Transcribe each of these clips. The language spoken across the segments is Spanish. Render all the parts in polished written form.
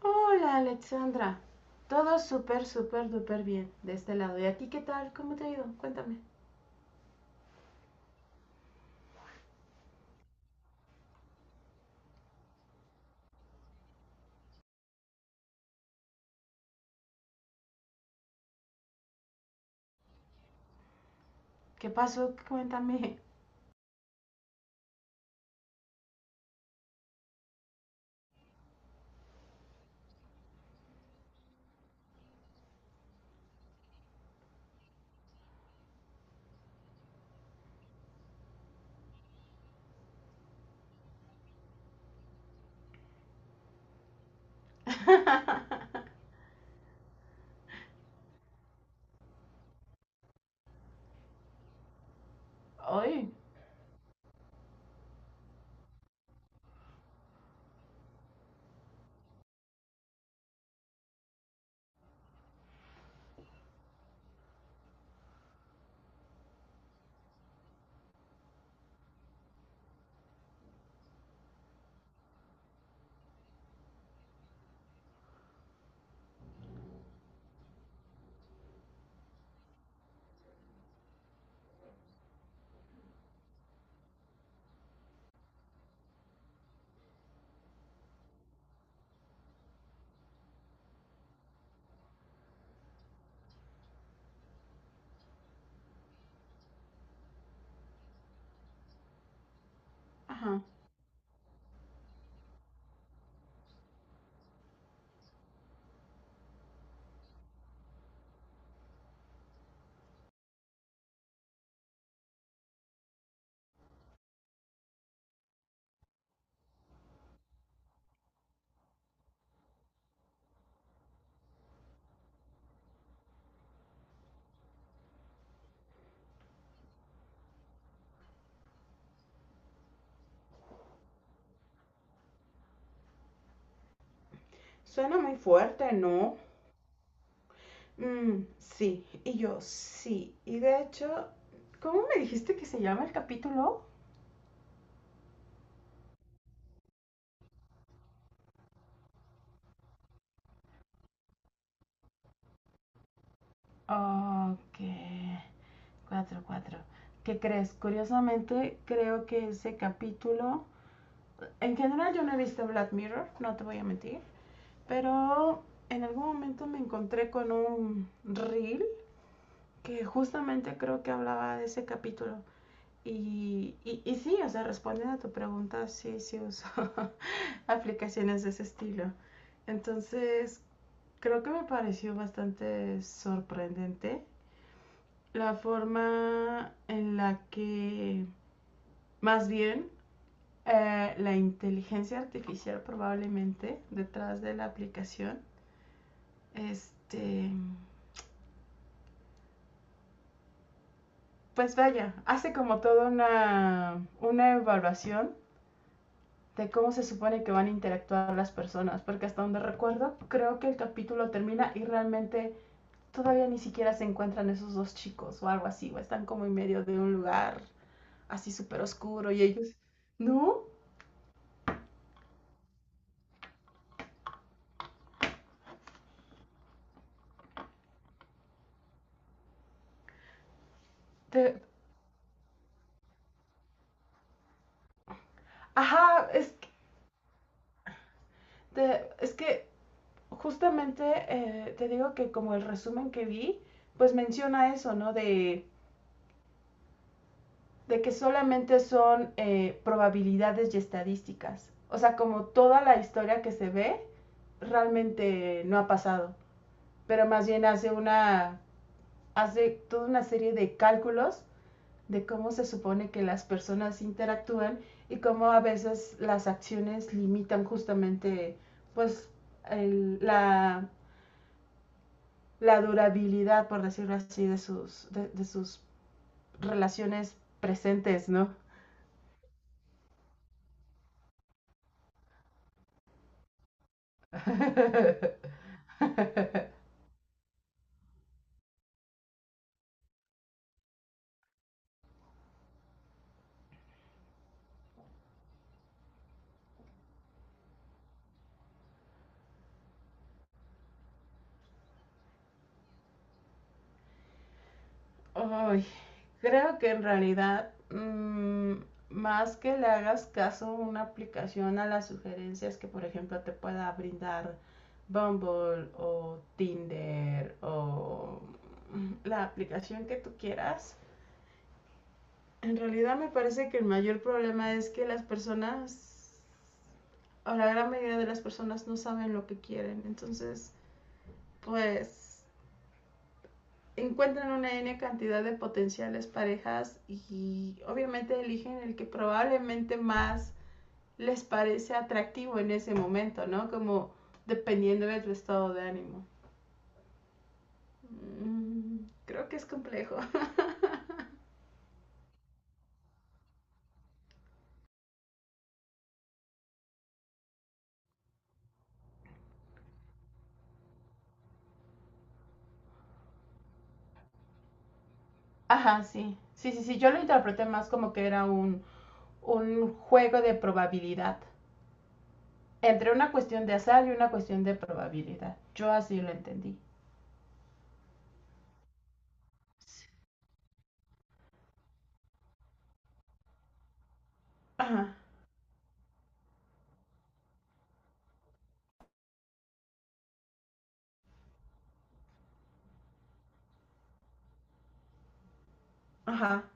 Hola Alexandra, todo súper, súper, súper bien de este lado. ¿Y a ti qué tal? ¿Cómo te ha ido? Cuéntame. ¿Qué pasó? Cuéntame. Hoy. Ajá. Suena muy fuerte, ¿no? Mm, sí, y yo sí. Y de hecho, ¿cómo me dijiste que se llama el capítulo? Ok. Cuatro, cuatro. ¿Qué crees? Curiosamente, creo que ese capítulo. En general, yo no he visto Black Mirror, no te voy a mentir. Pero en algún momento me encontré con un reel que justamente creo que hablaba de ese capítulo. Y sí, o sea, respondiendo a tu pregunta, sí, sí uso aplicaciones de ese estilo. Entonces, creo que me pareció bastante sorprendente la forma en la que, más bien, la inteligencia artificial probablemente detrás de la aplicación, este, pues vaya, hace como toda una evaluación de cómo se supone que van a interactuar las personas, porque hasta donde recuerdo, creo que el capítulo termina y realmente todavía ni siquiera se encuentran esos dos chicos o algo así, o están como en medio de un lugar así súper oscuro y ellos, ¿no? Te- ajá, es que justamente te digo que como el resumen que vi, pues menciona eso, ¿no? De que solamente son probabilidades y estadísticas. O sea, como toda la historia que se ve realmente no ha pasado, pero más bien hace toda una serie de cálculos de cómo se supone que las personas interactúan y cómo a veces las acciones limitan justamente pues el, la, la durabilidad, por decirlo así, de sus relaciones presentes, ¿no? Ay, creo que en realidad, más que le hagas caso a una aplicación a las sugerencias que, por ejemplo, te pueda brindar Bumble o Tinder o la aplicación que tú quieras, en realidad me parece que el mayor problema es que las personas, o la gran mayoría de las personas, no saben lo que quieren. Entonces, pues encuentran una N cantidad de potenciales parejas y obviamente eligen el que probablemente más les parece atractivo en ese momento, ¿no? Como dependiendo de tu estado de ánimo. Mm, Creo que es complejo. Ajá, sí. Sí, sí, sí. Yo lo interpreté más como que era un juego de probabilidad. Entre una cuestión de azar y una cuestión de probabilidad. Yo así lo entendí. Ajá, ajá.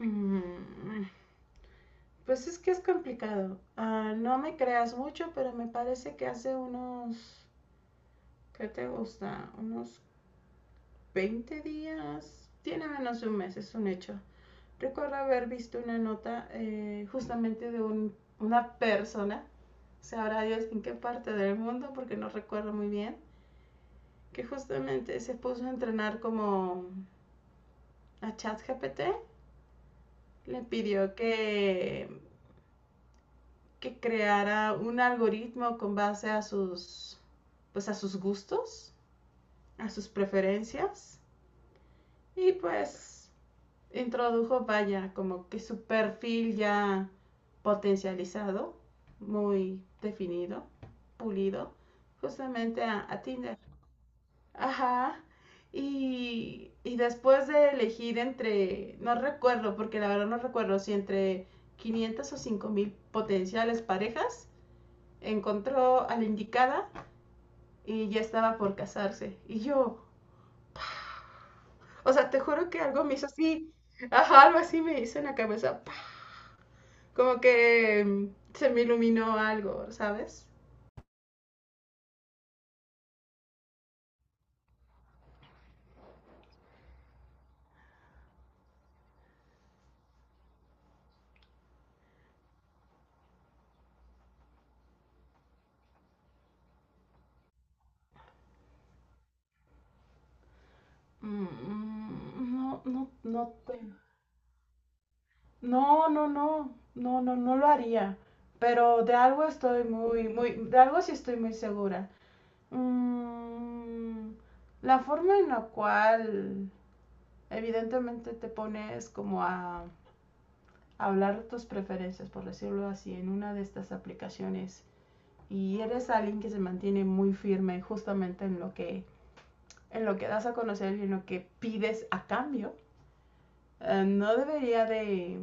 Mm. Pues es que es complicado. Ah, no me creas mucho, pero me parece que hace unos, ¿qué te gusta? Unos 20 días, tiene menos de un mes, es un hecho. Recuerdo haber visto una nota justamente de una persona, sabrá Dios en qué parte del mundo, porque no recuerdo muy bien, que justamente se puso a entrenar como a ChatGPT, le pidió que creara un algoritmo con base pues a sus gustos, a sus preferencias y pues introdujo, vaya, como que su perfil ya potencializado, muy definido, pulido, justamente a Tinder. Ajá. Y después de elegir entre, no recuerdo, porque la verdad no recuerdo si entre 500 o 5000 potenciales parejas, encontró a la indicada y ya estaba por casarse. Y yo, o sea, te juro que algo me hizo así, ajá, algo así me hizo en la cabeza, ¡pah! Como que se me iluminó algo, ¿sabes? Mm, No, no, no, no, no, no, no, no, no lo haría. Pero de algo sí estoy muy segura. Mm, la forma en la cual evidentemente te pones como a hablar tus preferencias, por decirlo así, en una de estas aplicaciones y eres alguien que se mantiene muy firme justamente en lo que, das a conocer y en lo que pides a cambio, eh, no debería de...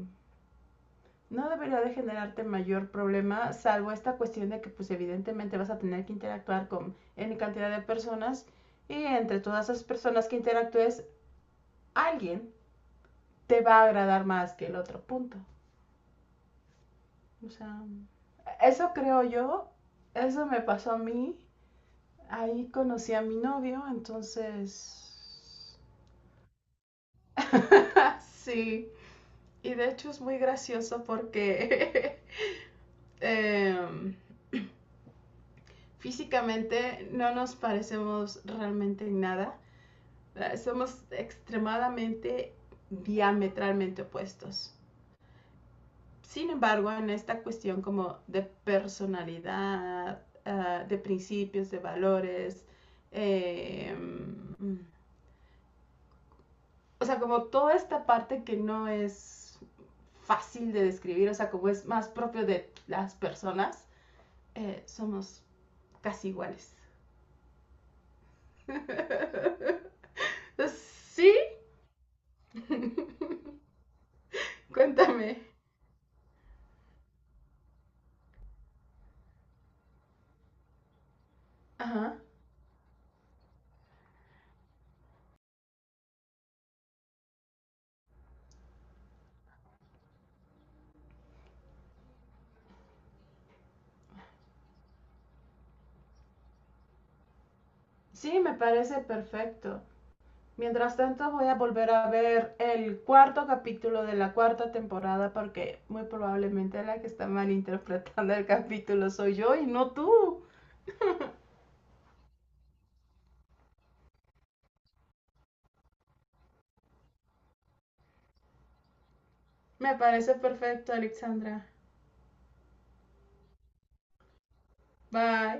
No debería de generarte mayor problema, salvo esta cuestión de que pues evidentemente vas a tener que interactuar con N cantidad de personas y entre todas esas personas que interactúes, alguien te va a agradar más que el otro punto. O sea, eso creo yo, eso me pasó a mí. Ahí conocí a mi novio, entonces... Sí. Y de hecho es muy gracioso porque em, físicamente no nos parecemos realmente en nada. Somos extremadamente diametralmente opuestos. Sin embargo, en esta cuestión como de personalidad, de principios, de valores, eh, o sea, como toda esta parte que no es fácil de describir, o sea, como es más propio de las personas, somos casi iguales. Sí, cuéntame. Ajá. Sí, me parece perfecto. Mientras tanto, voy a volver a ver el cuarto capítulo de la cuarta temporada porque muy probablemente la que está malinterpretando el capítulo soy yo y no tú. Me parece perfecto, Alexandra. Bye.